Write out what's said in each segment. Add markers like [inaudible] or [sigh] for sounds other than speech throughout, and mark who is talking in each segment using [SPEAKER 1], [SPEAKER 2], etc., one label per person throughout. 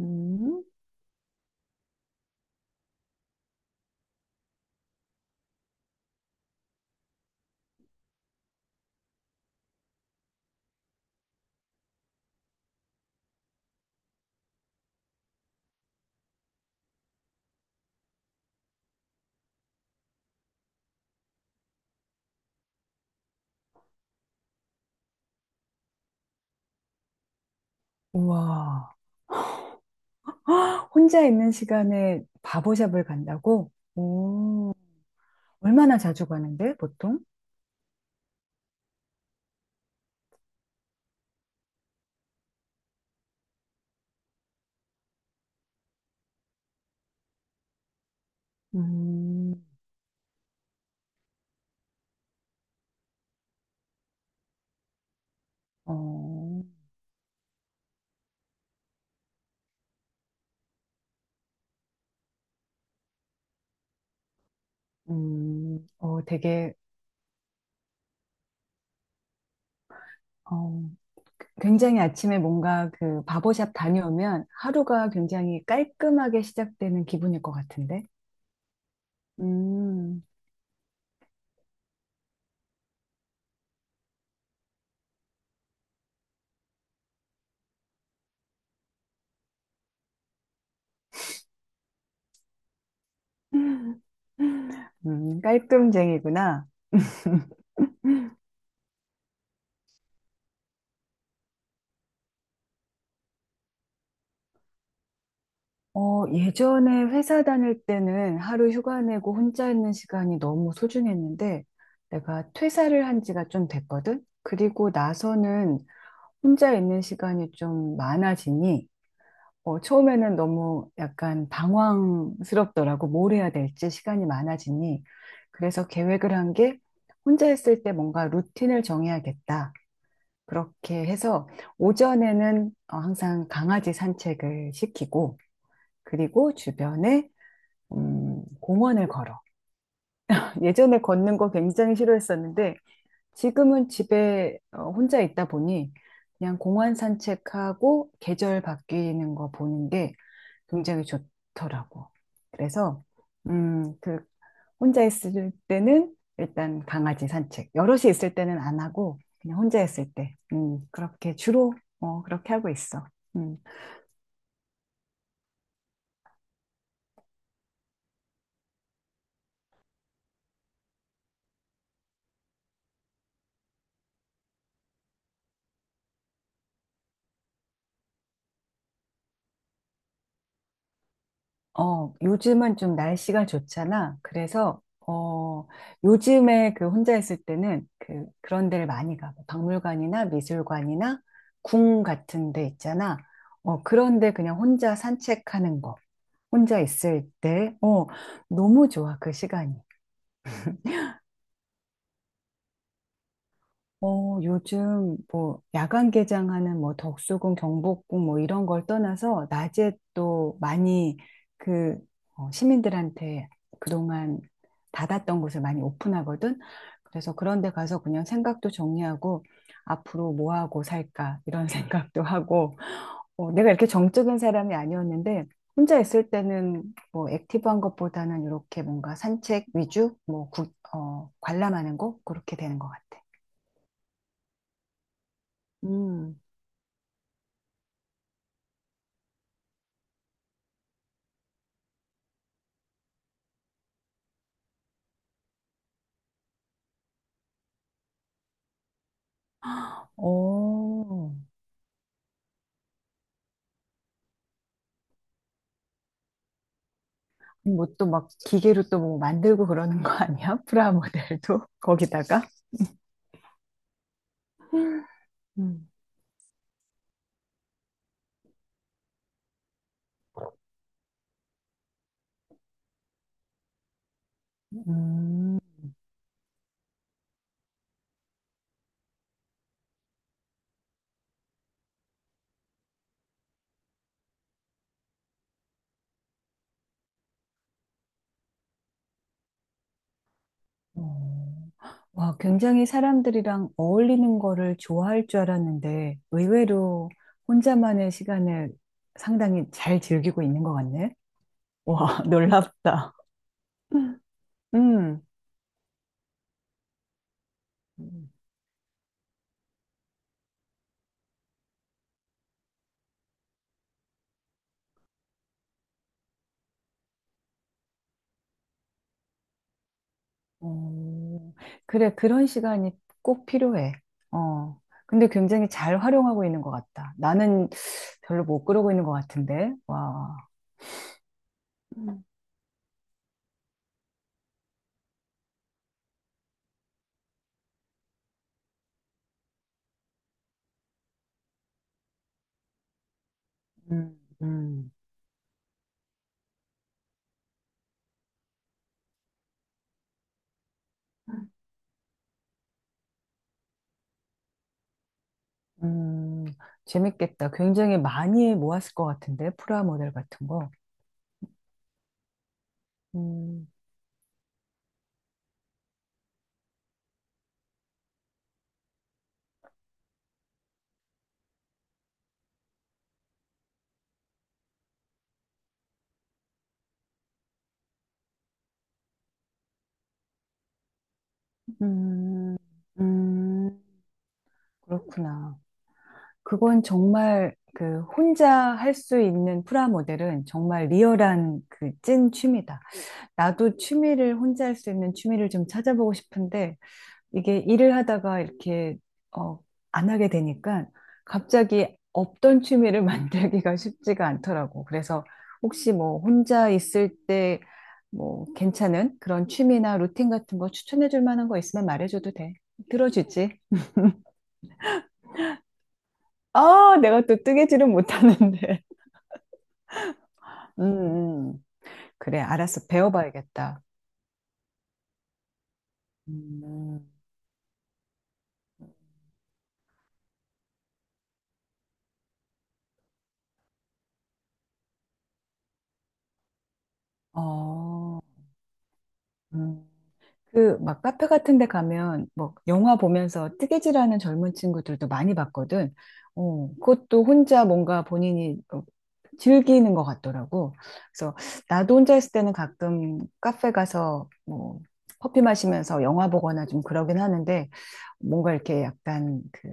[SPEAKER 1] 음. 우와. 혼자 있는 시간에 바보샵을 간다고? 오, 얼마나 자주 가는데, 보통? 음. 어, 어, 되게, 어, 굉장히 아침에 뭔가 그 바보샵 다녀오면 하루가 굉장히 깔끔하게 시작되는 기분일 것 같은데? 음. [laughs] 깔끔쟁이구나. 어, 예전에 회사 다닐 때는 하루 휴가 내고 혼자 있는 시간이 너무 소중했는데 내가 퇴사를 한 지가 좀 됐거든? 그리고 나서는 혼자 있는 시간이 좀 많아지니 어, 처음에는 너무 약간 방황스럽더라고. 뭘 해야 될지 시간이 많아지니. 그래서 계획을 한 게 혼자 있을 때 뭔가 루틴을 정해야겠다. 그렇게 해서 오전에는 어, 항상 강아지 산책을 시키고 그리고 주변에 공원을 걸어. 예전에 걷는 거 굉장히 싫어했었는데 지금은 집에 어, 혼자 있다 보니 그냥 공원 산책하고 계절 바뀌는 거 보는 게 굉장히 좋더라고. 그래서 그 혼자 있을 때는 일단 강아지 산책, 여럿이 있을 때는 안 하고 그냥 혼자 있을 때, 그렇게 주로 어, 그렇게 하고 있어. 음. 어, 요즘은 좀 날씨가 좋잖아. 그래서, 어, 요즘에 그 혼자 있을 때는 그, 그런 데를 많이 가. 뭐 박물관이나 미술관이나 궁 같은 데 있잖아. 어, 그런데 그냥 혼자 산책하는 거. 혼자 있을 때, 어, 너무 좋아, 그 시간이. 어, 요즘 뭐 야간 개장하는 뭐 덕수궁, 경복궁 뭐 이런 걸 떠나서 낮에 또 많이 그 어, 시민들한테 그동안 닫았던 곳을 많이 오픈하거든. 그래서 그런 데 가서 그냥 생각도 정리하고 앞으로 뭐 하고 살까 이런 [laughs] 생각도 하고 어, 내가 이렇게 정적인 사람이 아니었는데 혼자 있을 때는 뭐 액티브한 것보다는 이렇게 뭔가 산책 위주 뭐 어, 관람하는 거 그렇게 되는 것 같아. 음. 어, 뭐 또 막 기계로 또 뭐 만들고 그러는 거 아니야? 프라모델도 [laughs] 거기다가? 음. 음, 어. 와, 굉장히 사람들이랑 어울리는 거를 좋아할 줄 알았는데 의외로 혼자만의 시간을 상당히 잘 즐기고 있는 것 같네. 와, [laughs] 놀랍다. 음, 어, 그래, 그런 시간이 꼭 필요해. 어, 근데 굉장히 잘 활용하고 있는 것 같다. 나는 별로 못 그러고 있는 것 같은데. 와. 음. 음, 음, 음, 재밌겠다. 굉장히 많이 모았을 것 같은데, 프라 모델 같은 거. 음, 음, 음, 그렇구나. 그건 정말 그 혼자 할 수 있는 프라 모델은 정말 리얼한 그 찐 취미다. 나도 취미를 혼자 할 수 있는 취미를 좀 찾아보고 싶은데 이게 일을 하다가 이렇게 어, 안 하게 되니까 갑자기 없던 취미를 [laughs] 만들기가 쉽지가 않더라고. 그래서 혹시 뭐 혼자 있을 때 뭐 괜찮은 그런 취미나 루틴 같은 거 추천해 줄 만한 거 있으면 말해줘도 돼. 들어주지. 아, 내가 또 뜨개질은 못하는데. [laughs] 음, 음. 그래, 알았어. 배워봐야겠다. 음, 어, 음. 그 막 카페 같은 데 가면 뭐 영화 보면서 뜨개질하는 젊은 친구들도 많이 봤거든. 어, 그것도 혼자 뭔가 본인이 어, 즐기는 것 같더라고. 그래서 나도 혼자 있을 때는 가끔 카페 가서 뭐 커피 마시면서 영화 보거나 좀 그러긴 하는데 뭔가 이렇게 약간 그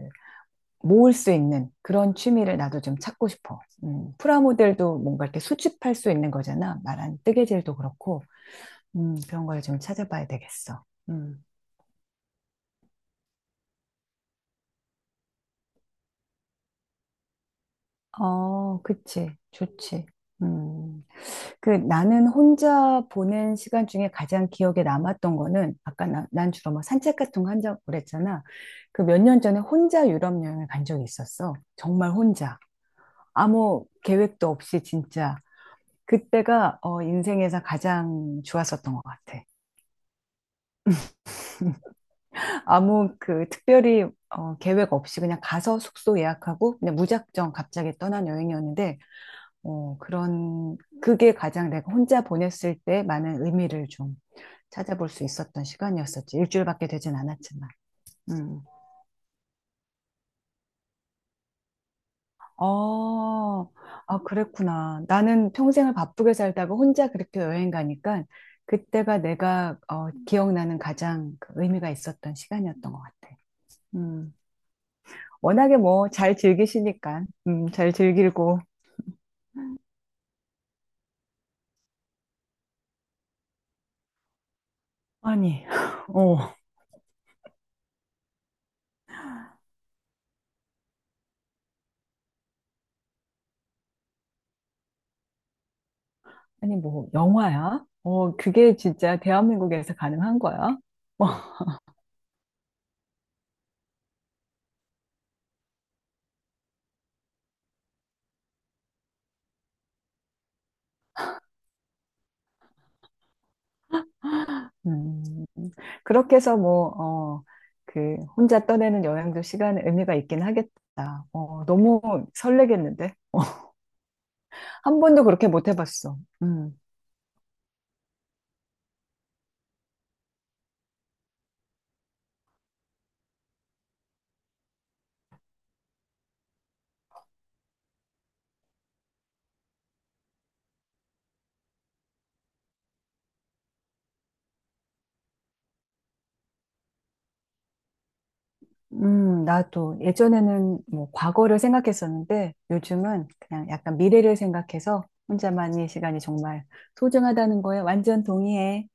[SPEAKER 1] 모을 수 있는 그런 취미를 나도 좀 찾고 싶어. 프라모델도 뭔가 이렇게 수집할 수 있는 거잖아. 말한 뜨개질도 그렇고. 그런 걸 좀 찾아봐야 되겠어. 음. 어, 그치. 좋지. 음. 그 나는 혼자 보낸 시간 중에 가장 기억에 남았던 거는 아까 난 주로 막 산책 같은 거 한다고 그랬잖아. 그 몇 년 전에 혼자 유럽 여행을 간 적이 있었어. 정말 혼자. 아무 계획도 없이 진짜. 그때가 어, 인생에서 가장 좋았었던 것 같아. 아무 그 특별히 어, 계획 없이 그냥 가서 숙소 예약하고 그냥 무작정 갑자기 떠난 여행이었는데 어, 그게 가장 내가 혼자 보냈을 때 많은 의미를 좀 찾아볼 수 있었던 시간이었었지. 일주일밖에 되진 않았지만. 음. 어, 아, 그랬구나. 나는 평생을 바쁘게 살다가 혼자 그렇게 여행 가니까 그때가 내가 어, 기억나는 가장 그 의미가 있었던 시간이었던 것 같아. 음. 워낙에 뭐 잘 즐기시니까, 잘 즐기고. 아니, [laughs] 어. 아니, 뭐, 영화야? 어, 그게 진짜 대한민국에서 가능한 거야? [laughs] 어, 음, 그렇게 해서 뭐, 어, 그, 혼자 떠내는 여행도 시간 의미가 있긴 하겠다. 어, 너무 설레겠는데? [laughs] 한 번도 그렇게 못 해봤어. 음, 나도 예전에는 뭐, 과거를 생각했었는데, 요즘은 그냥 약간 미래를 생각해서 혼자만의 시간이 정말 소중하다는 거에 완전 동의해.